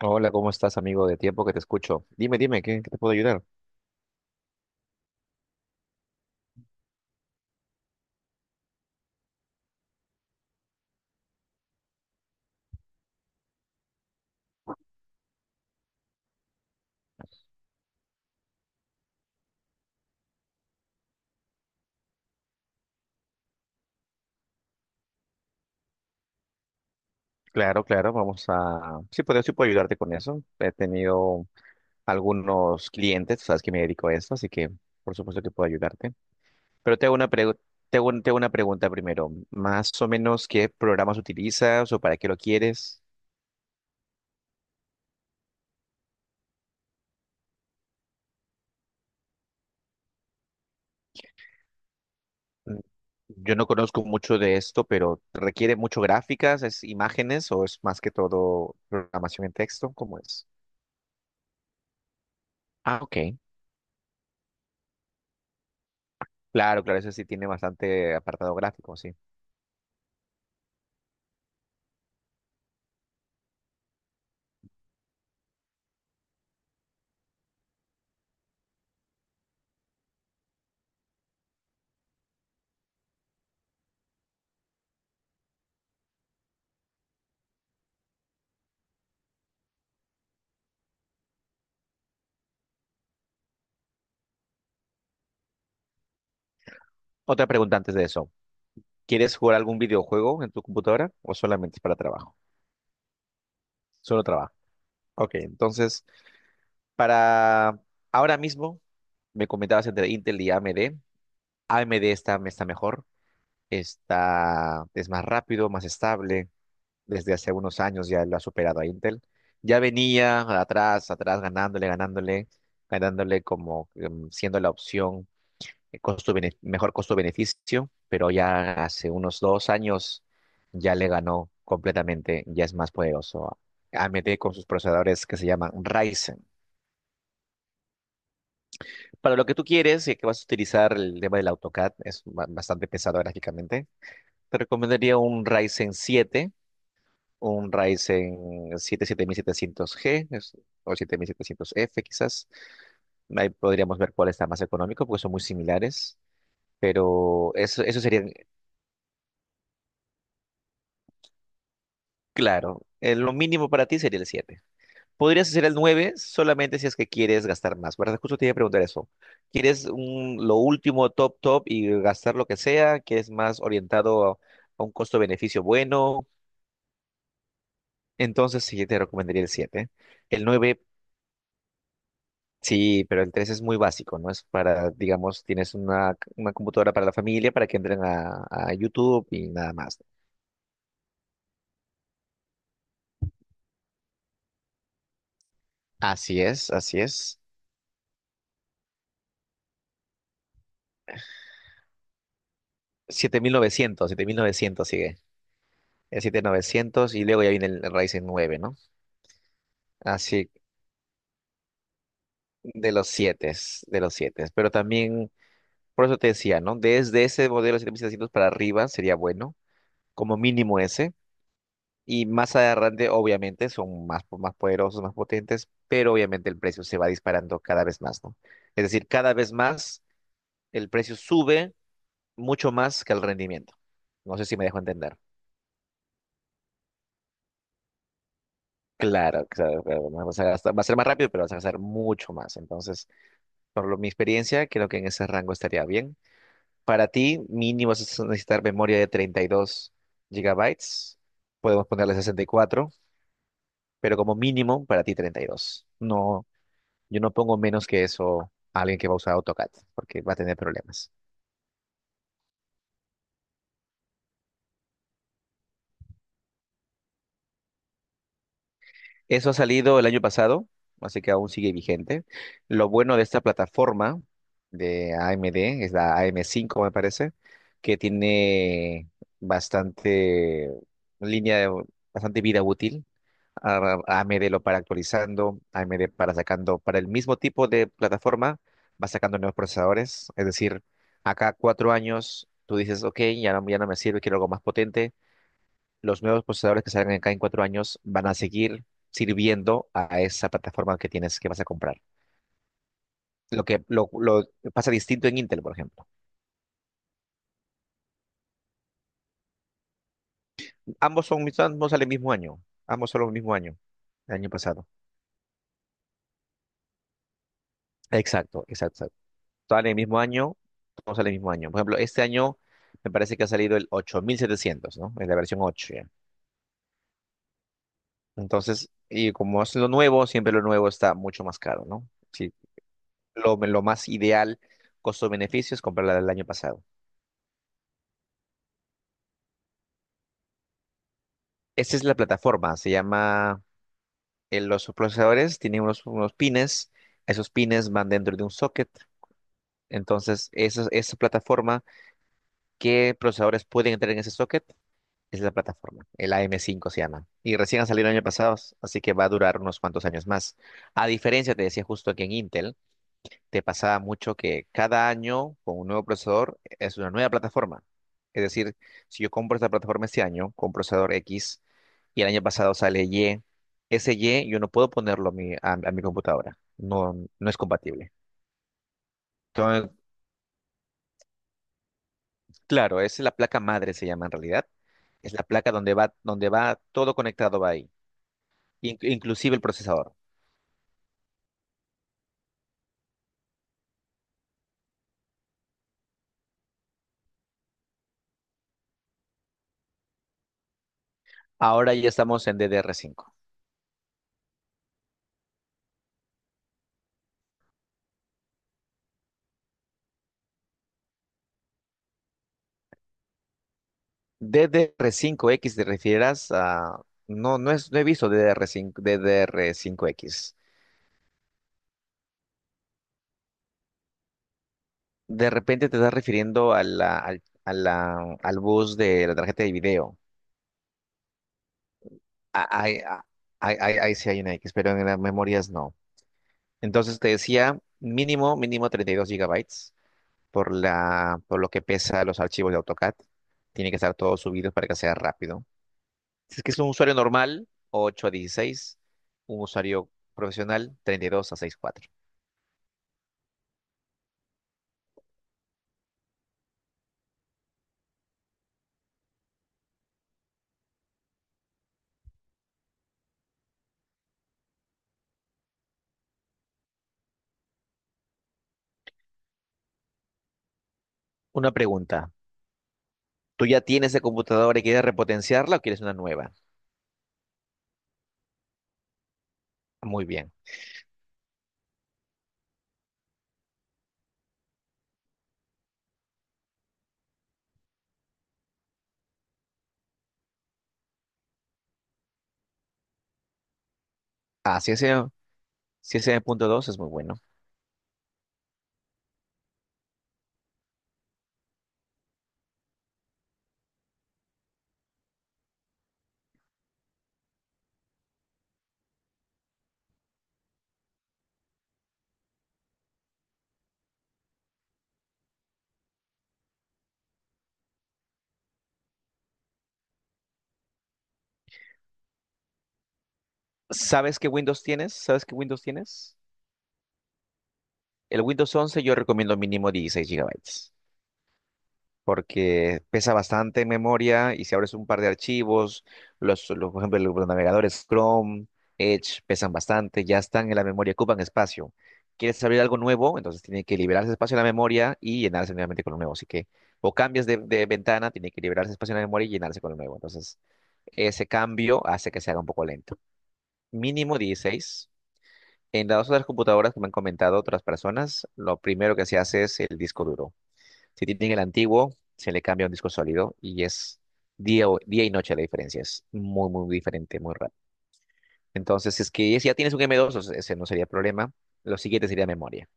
Hola, ¿cómo estás, amigo? De tiempo que te escucho. Dime, dime, ¿qué te puedo ayudar? Claro, claro, Sí puedo ayudarte con eso. He tenido algunos clientes, sabes que me dedico a eso, así que por supuesto que puedo ayudarte. Pero te hago una pregu- te hago un- te hago una pregunta primero. Más o menos, ¿qué programas utilizas o para qué lo quieres? Mm, Yo no conozco mucho de esto, pero ¿requiere mucho gráficas, es imágenes o es más que todo programación en texto? ¿Cómo es? Ah, ok. Claro, claro, eso sí tiene bastante apartado gráfico, sí. Otra pregunta antes de eso. ¿Quieres jugar algún videojuego en tu computadora o solamente es para trabajo? Solo trabajo. Ok, entonces, para ahora mismo, me comentabas entre Intel y AMD. AMD está mejor, es más rápido, más estable. Desde hace unos años ya lo ha superado a Intel. Ya venía atrás, atrás, ganándole, ganándole, ganándole como siendo la opción mejor costo-beneficio, pero ya hace unos 2 años ya le ganó completamente, ya es más poderoso a AMD con sus procesadores que se llaman Ryzen. Para lo que tú quieres, ya que vas a utilizar el tema del AutoCAD, es bastante pesado gráficamente, te recomendaría un Ryzen siete siete mil setecientos g o siete mil setecientos f quizás. Ahí podríamos ver cuál está más económico, porque son muy similares. Pero eso sería. Claro, lo mínimo para ti sería el 7. Podrías hacer el 9 solamente si es que quieres gastar más, ¿verdad? Justo te iba a preguntar eso. ¿Quieres lo último, top, top y gastar lo que sea? ¿Quieres más orientado a un costo-beneficio bueno? Entonces sí, te recomendaría el 7. El 9 sí, pero el 3 es muy básico, ¿no? Es para, digamos, tienes una computadora para la familia, para que entren a YouTube y nada más. Así es, así es. Siete mil novecientos, sigue. El siete mil novecientos y luego ya viene el Ryzen nueve, ¿no? Así de los 7, de los siete. Pero también, por eso te decía, ¿no? Desde ese modelo 7700 para arriba sería bueno, como mínimo ese. Y más adelante, obviamente, son más poderosos, más potentes, pero obviamente el precio se va disparando cada vez más, ¿no? Es decir, cada vez más el precio sube mucho más que el rendimiento. No sé si me dejo entender. Claro, claro, claro. Va a ser más rápido, pero vas a gastar mucho más. Entonces, mi experiencia, creo que en ese rango estaría bien. Para ti, mínimo vas a necesitar memoria de 32 gigabytes. Podemos ponerle 64, pero como mínimo para ti 32. No, yo no pongo menos que eso a alguien que va a usar AutoCAD, porque va a tener problemas. Eso ha salido el año pasado, así que aún sigue vigente. Lo bueno de esta plataforma de AMD, es la AM5, me parece, que tiene bastante línea de bastante vida útil. a- AMD lo para actualizando, AMD para sacando, para el mismo tipo de plataforma, va sacando nuevos procesadores. Es decir, acá 4 años, tú dices, ok, ya no me sirve, quiero algo más potente. Los nuevos procesadores que salgan acá en 4 años van a seguir sirviendo a esa plataforma que tienes, que vas a comprar. Lo que lo pasa distinto en Intel, por ejemplo. Ambos salen el mismo año, ambos son el mismo año, el año pasado. Exacto, exacto. Exacto. Sale el mismo año, todos sale el mismo año. Por ejemplo, este año me parece que ha salido el 8700, ¿no? Es la versión 8 ya. Entonces, y como es lo nuevo, siempre lo nuevo está mucho más caro, ¿no? Sí, lo más ideal, costo-beneficio, es comprarla del año pasado. Esta es la plataforma, se llama, los procesadores tienen unos pines, esos pines van dentro de un socket, entonces esa plataforma, ¿qué procesadores pueden entrar en ese socket? Es la plataforma, el AM5 se llama. Y recién ha salido el año pasado, así que va a durar unos cuantos años más. A diferencia, te decía justo que en Intel, te pasaba mucho que cada año con un nuevo procesador es una nueva plataforma. Es decir, si yo compro esta plataforma este año con procesador X y el año pasado sale Y, ese Y yo no puedo ponerlo a mi computadora. No, no es compatible. Entonces, claro, es la placa madre, se llama en realidad. Es la placa donde va todo conectado, va ahí. Inclusive el procesador. Ahora ya estamos en DDR5. ¿DDR5X te refieras a...? No, no, no he visto DDR5, DDR5X. De repente te estás refiriendo al bus de la tarjeta de video. Ah, ahí sí hay una X, pero en las memorias no. Entonces te decía mínimo, mínimo 32 gigabytes por lo que pesa los archivos de AutoCAD. Tiene que estar todo subido para que sea rápido. Si es que es un usuario normal, 8 a 16. Un usuario profesional, 32 a 64. Una pregunta. ¿Tú ya tienes esa computadora y quieres repotenciarla o quieres una nueva? Muy bien. Ah, si ese punto 2, es muy bueno. ¿Sabes qué Windows tienes? ¿Sabes qué Windows tienes? El Windows 11, yo recomiendo mínimo 16 gigabytes, porque pesa bastante en memoria y si abres un par de archivos, por ejemplo, los navegadores Chrome, Edge pesan bastante, ya están en la memoria, ocupan espacio. ¿Quieres abrir algo nuevo? Entonces tiene que liberarse espacio en la memoria y llenarse nuevamente con lo nuevo. Así que o cambias de ventana, tiene que liberarse espacio en la memoria y llenarse con lo nuevo. Entonces, ese cambio hace que se haga un poco lento. Mínimo 16. En las otras computadoras que me han comentado otras personas, lo primero que se hace es el disco duro. Si tienen el antiguo, se le cambia un disco sólido y es día y noche la diferencia. Es muy, muy diferente, muy rápido. Entonces, si es que si ya tienes un M.2, o sea, ese no sería problema. Lo siguiente sería memoria.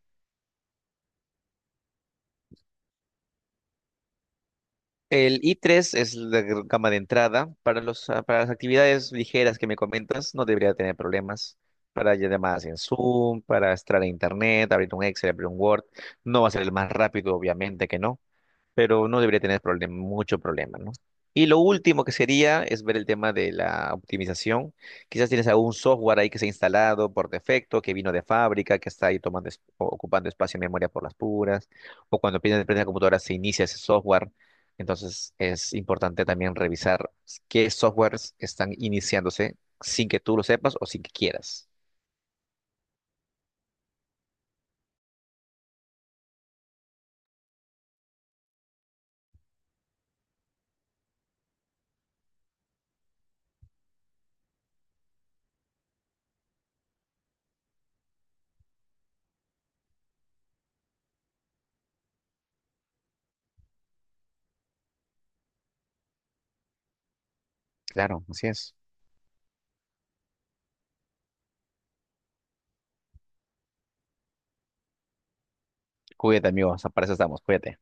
El i3 es la gama de entrada. Para las actividades ligeras que me comentas, no debería tener problemas. Para llamadas en Zoom, para estar en Internet, abrir un Excel, abrir un Word. No va a ser el más rápido, obviamente que no, pero no debería tener mucho problema, ¿no? Y lo último que sería es ver el tema de la optimización. Quizás tienes algún software ahí que se ha instalado por defecto, que vino de fábrica, que está ahí tomando, ocupando espacio en memoria por las puras, o cuando prende la computadora se inicia ese software. Entonces es importante también revisar qué softwares están iniciándose sin que tú lo sepas o sin que quieras. Claro, así es. Cuídate, amigos. Para eso estamos. Cuídate.